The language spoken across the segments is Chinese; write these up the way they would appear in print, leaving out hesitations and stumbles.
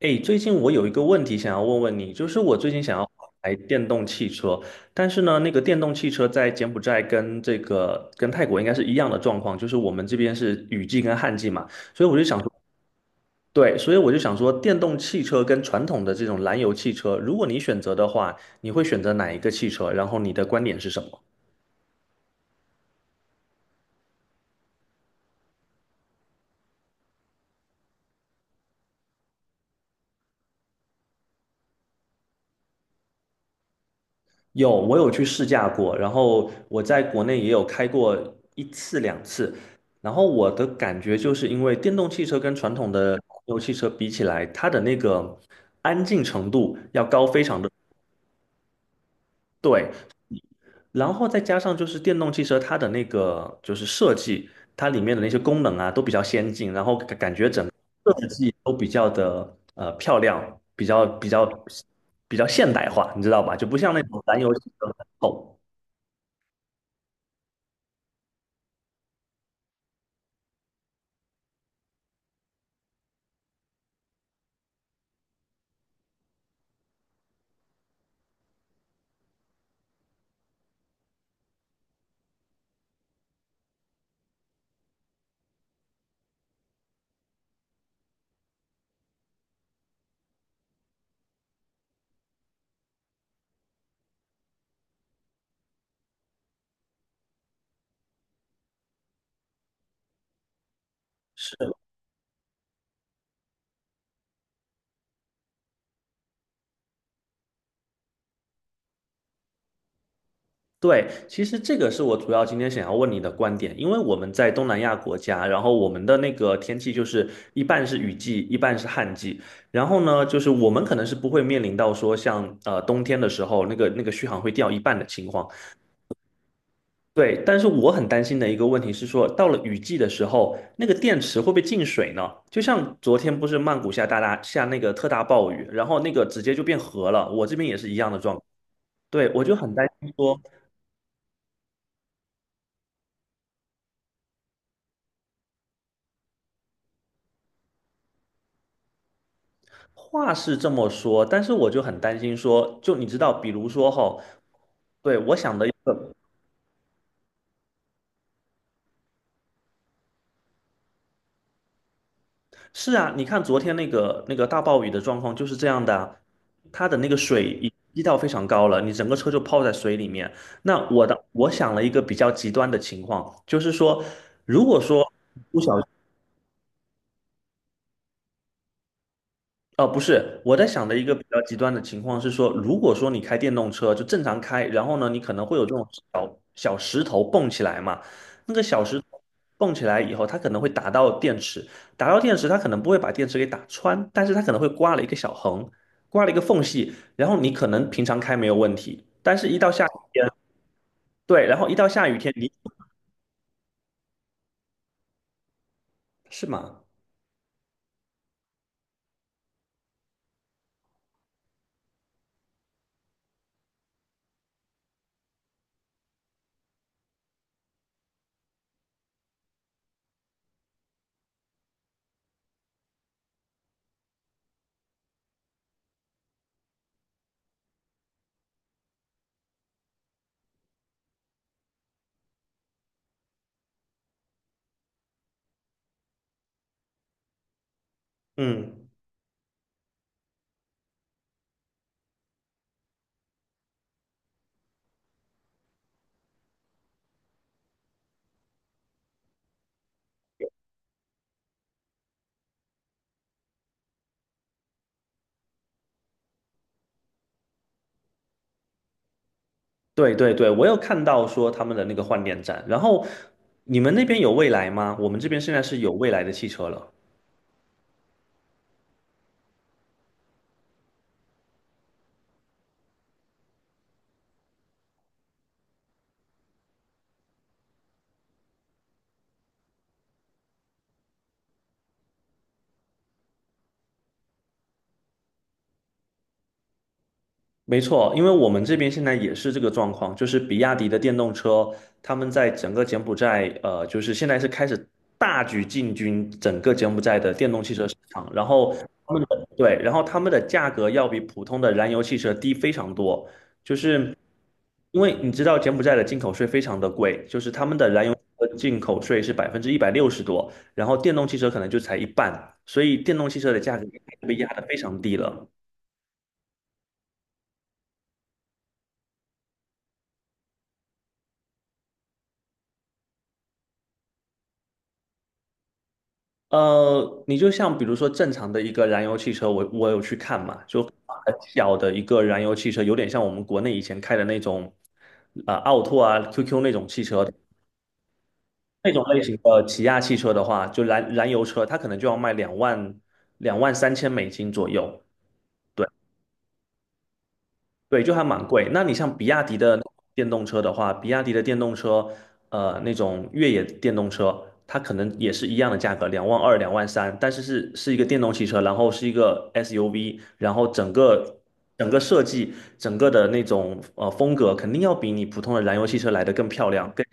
诶，最近我有一个问题想要问问你，就是我最近想要买电动汽车。但是呢，那个电动汽车在柬埔寨跟泰国应该是一样的状况，就是我们这边是雨季跟旱季嘛。所以我就想说，对，所以我就想说，电动汽车跟传统的这种燃油汽车，如果你选择的话，你会选择哪一个汽车？然后你的观点是什么？有，我有去试驾过，然后我在国内也有开过一次两次。然后我的感觉就是因为电动汽车跟传统的汽油汽车比起来，它的那个安静程度要高非常的。对，然后再加上就是电动汽车它的那个就是设计，它里面的那些功能啊都比较先进，然后感觉整个设计都比较的漂亮，比较现代化，你知道吧？就不像那种燃油汽车很丑。对，其实这个是我主要今天想要问你的观点，因为我们在东南亚国家，然后我们的那个天气就是一半是雨季，一半是旱季。然后呢，就是我们可能是不会面临到说像冬天的时候那个续航会掉一半的情况。对，但是我很担心的一个问题是说，到了雨季的时候，那个电池会不会进水呢？就像昨天不是曼谷下大大下那个特大暴雨，然后那个直接就变河了，我这边也是一样的状况。对，我就很担心说。话是这么说，但是我就很担心说，就你知道，比如说哈，对，我想的是啊，你看昨天那个大暴雨的状况就是这样的啊。它的那个水已积到非常高了，你整个车就泡在水里面。那我想了一个比较极端的情况，就是说，如果说不小。哦，不是，我在想的一个比较极端的情况是说，如果说你开电动车就正常开，然后呢，你可能会有这种小小石头蹦起来嘛。那个小石头蹦起来以后，它可能会打到电池，打到电池，它可能不会把电池给打穿，但是它可能会刮了一个小横，刮了一个缝隙，然后你可能平常开没有问题，但是一到下雨天，对，然后一到下雨天你是吗？嗯。对对对，我有看到说他们的那个换电站。然后你们那边有未来吗？我们这边现在是有未来的汽车了。没错，因为我们这边现在也是这个状况，就是比亚迪的电动车，他们在整个柬埔寨，就是现在是开始大举进军整个柬埔寨的电动汽车市场。然后他们的，对，然后他们的价格要比普通的燃油汽车低非常多，就是因为你知道柬埔寨的进口税非常的贵，就是他们的燃油车进口税是160%多，然后电动汽车可能就才一半，所以电动汽车的价格被压得非常低了。你就像比如说正常的一个燃油汽车，我有去看嘛，就很小的一个燃油汽车，有点像我们国内以前开的那种，啊，奥拓啊、QQ 那种汽车，那种类型的起亚汽车的话，就燃油车，它可能就要卖2万 2.3万美金左右。对。对，就还蛮贵。那你像比亚迪的电动车的话，比亚迪的电动车，那种越野电动车，它可能也是一样的价格，2.2万、2.3万，但是是一个电动汽车，然后是一个 SUV。然后整个设计、整个的那种风格，肯定要比你普通的燃油汽车来的更漂亮。更。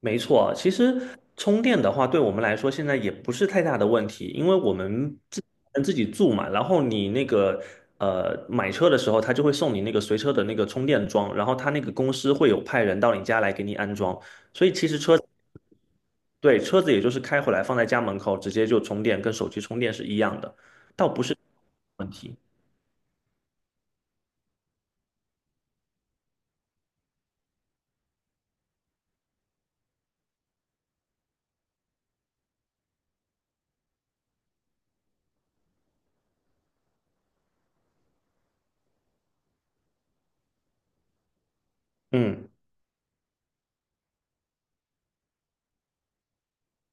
没错，其实充电的话，对我们来说现在也不是太大的问题，因为我们自己住嘛。然后你那个买车的时候，他就会送你那个随车的那个充电桩，然后他那个公司会有派人到你家来给你安装，所以其实车。对，车子也就是开回来放在家门口，直接就充电，跟手机充电是一样的问题。嗯。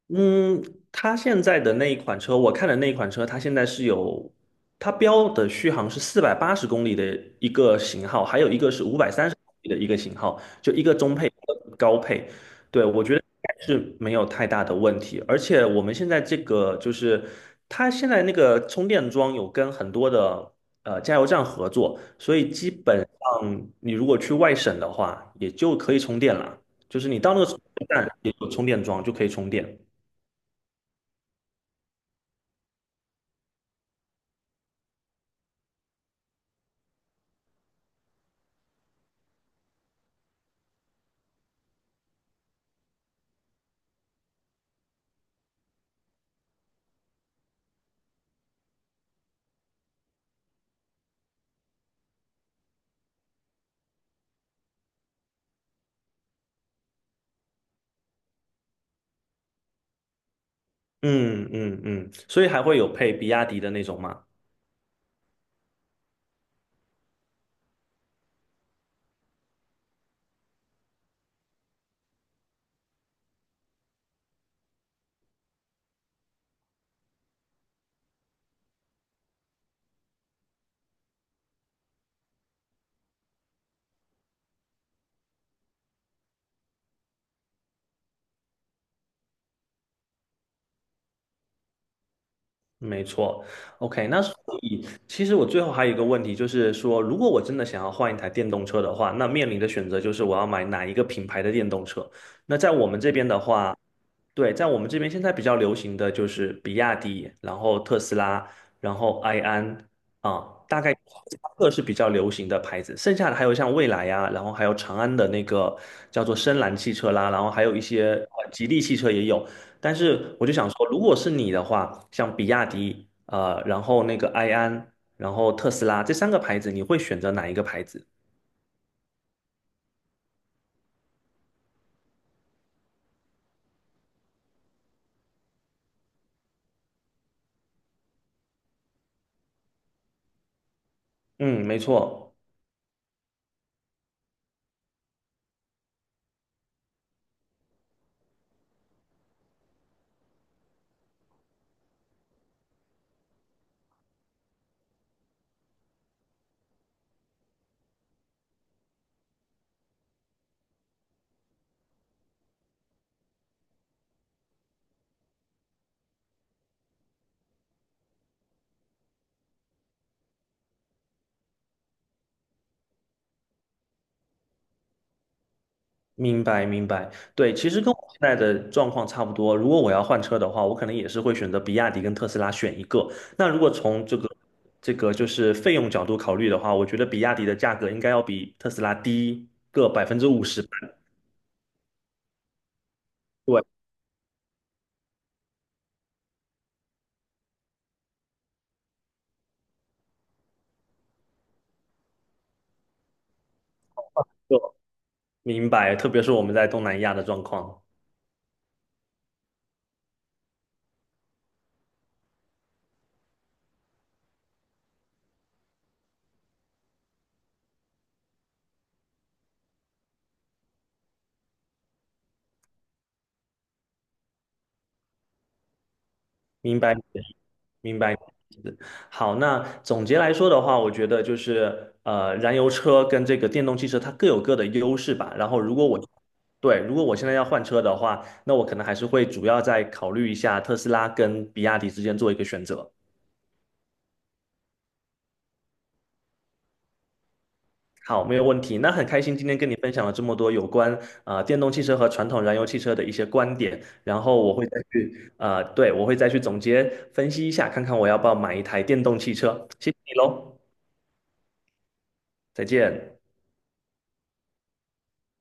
嗯，它现在的那一款车，我看的那一款车，它现在是有，它标的续航是480公里的一个型号，还有一个是530公里的一个型号，就一个中配，一个高配。对，我觉得应该是没有太大的问题。而且我们现在这个就是它现在那个充电桩有跟很多的加油站合作，所以基本上你如果去外省的话，也就可以充电了，就是你到那个充电站也有充电桩就可以充电。嗯嗯嗯，所以还会有配比亚迪的那种吗？没错。OK，那所以其实我最后还有一个问题，就是说，如果我真的想要换一台电动车的话，那面临的选择就是我要买哪一个品牌的电动车。那在我们这边的话，对，在我们这边现在比较流行的就是比亚迪，然后特斯拉，然后埃安啊，大概这三个是比较流行的牌子。剩下的还有像蔚来呀、然后还有长安的那个叫做深蓝汽车啦，然后还有一些吉利汽车也有。但是我就想说，如果是你的话，像比亚迪，然后那个埃安，然后特斯拉这三个牌子，你会选择哪一个牌子？嗯，没错。明白明白。对，其实跟我现在的状况差不多。如果我要换车的话，我可能也是会选择比亚迪跟特斯拉选一个。那如果从这个就是费用角度考虑的话，我觉得比亚迪的价格应该要比特斯拉低个50%。对，就明白。特别是我们在东南亚的状况，明白明白。好，那总结来说的话，我觉得就是燃油车跟这个电动汽车它各有各的优势吧。如果我现在要换车的话，那我可能还是会主要再考虑一下特斯拉跟比亚迪之间做一个选择。好，没有问题。那很开心今天跟你分享了这么多有关电动汽车和传统燃油汽车的一些观点。我会再去总结分析一下，看看我要不要买一台电动汽车。谢谢你喽，再见。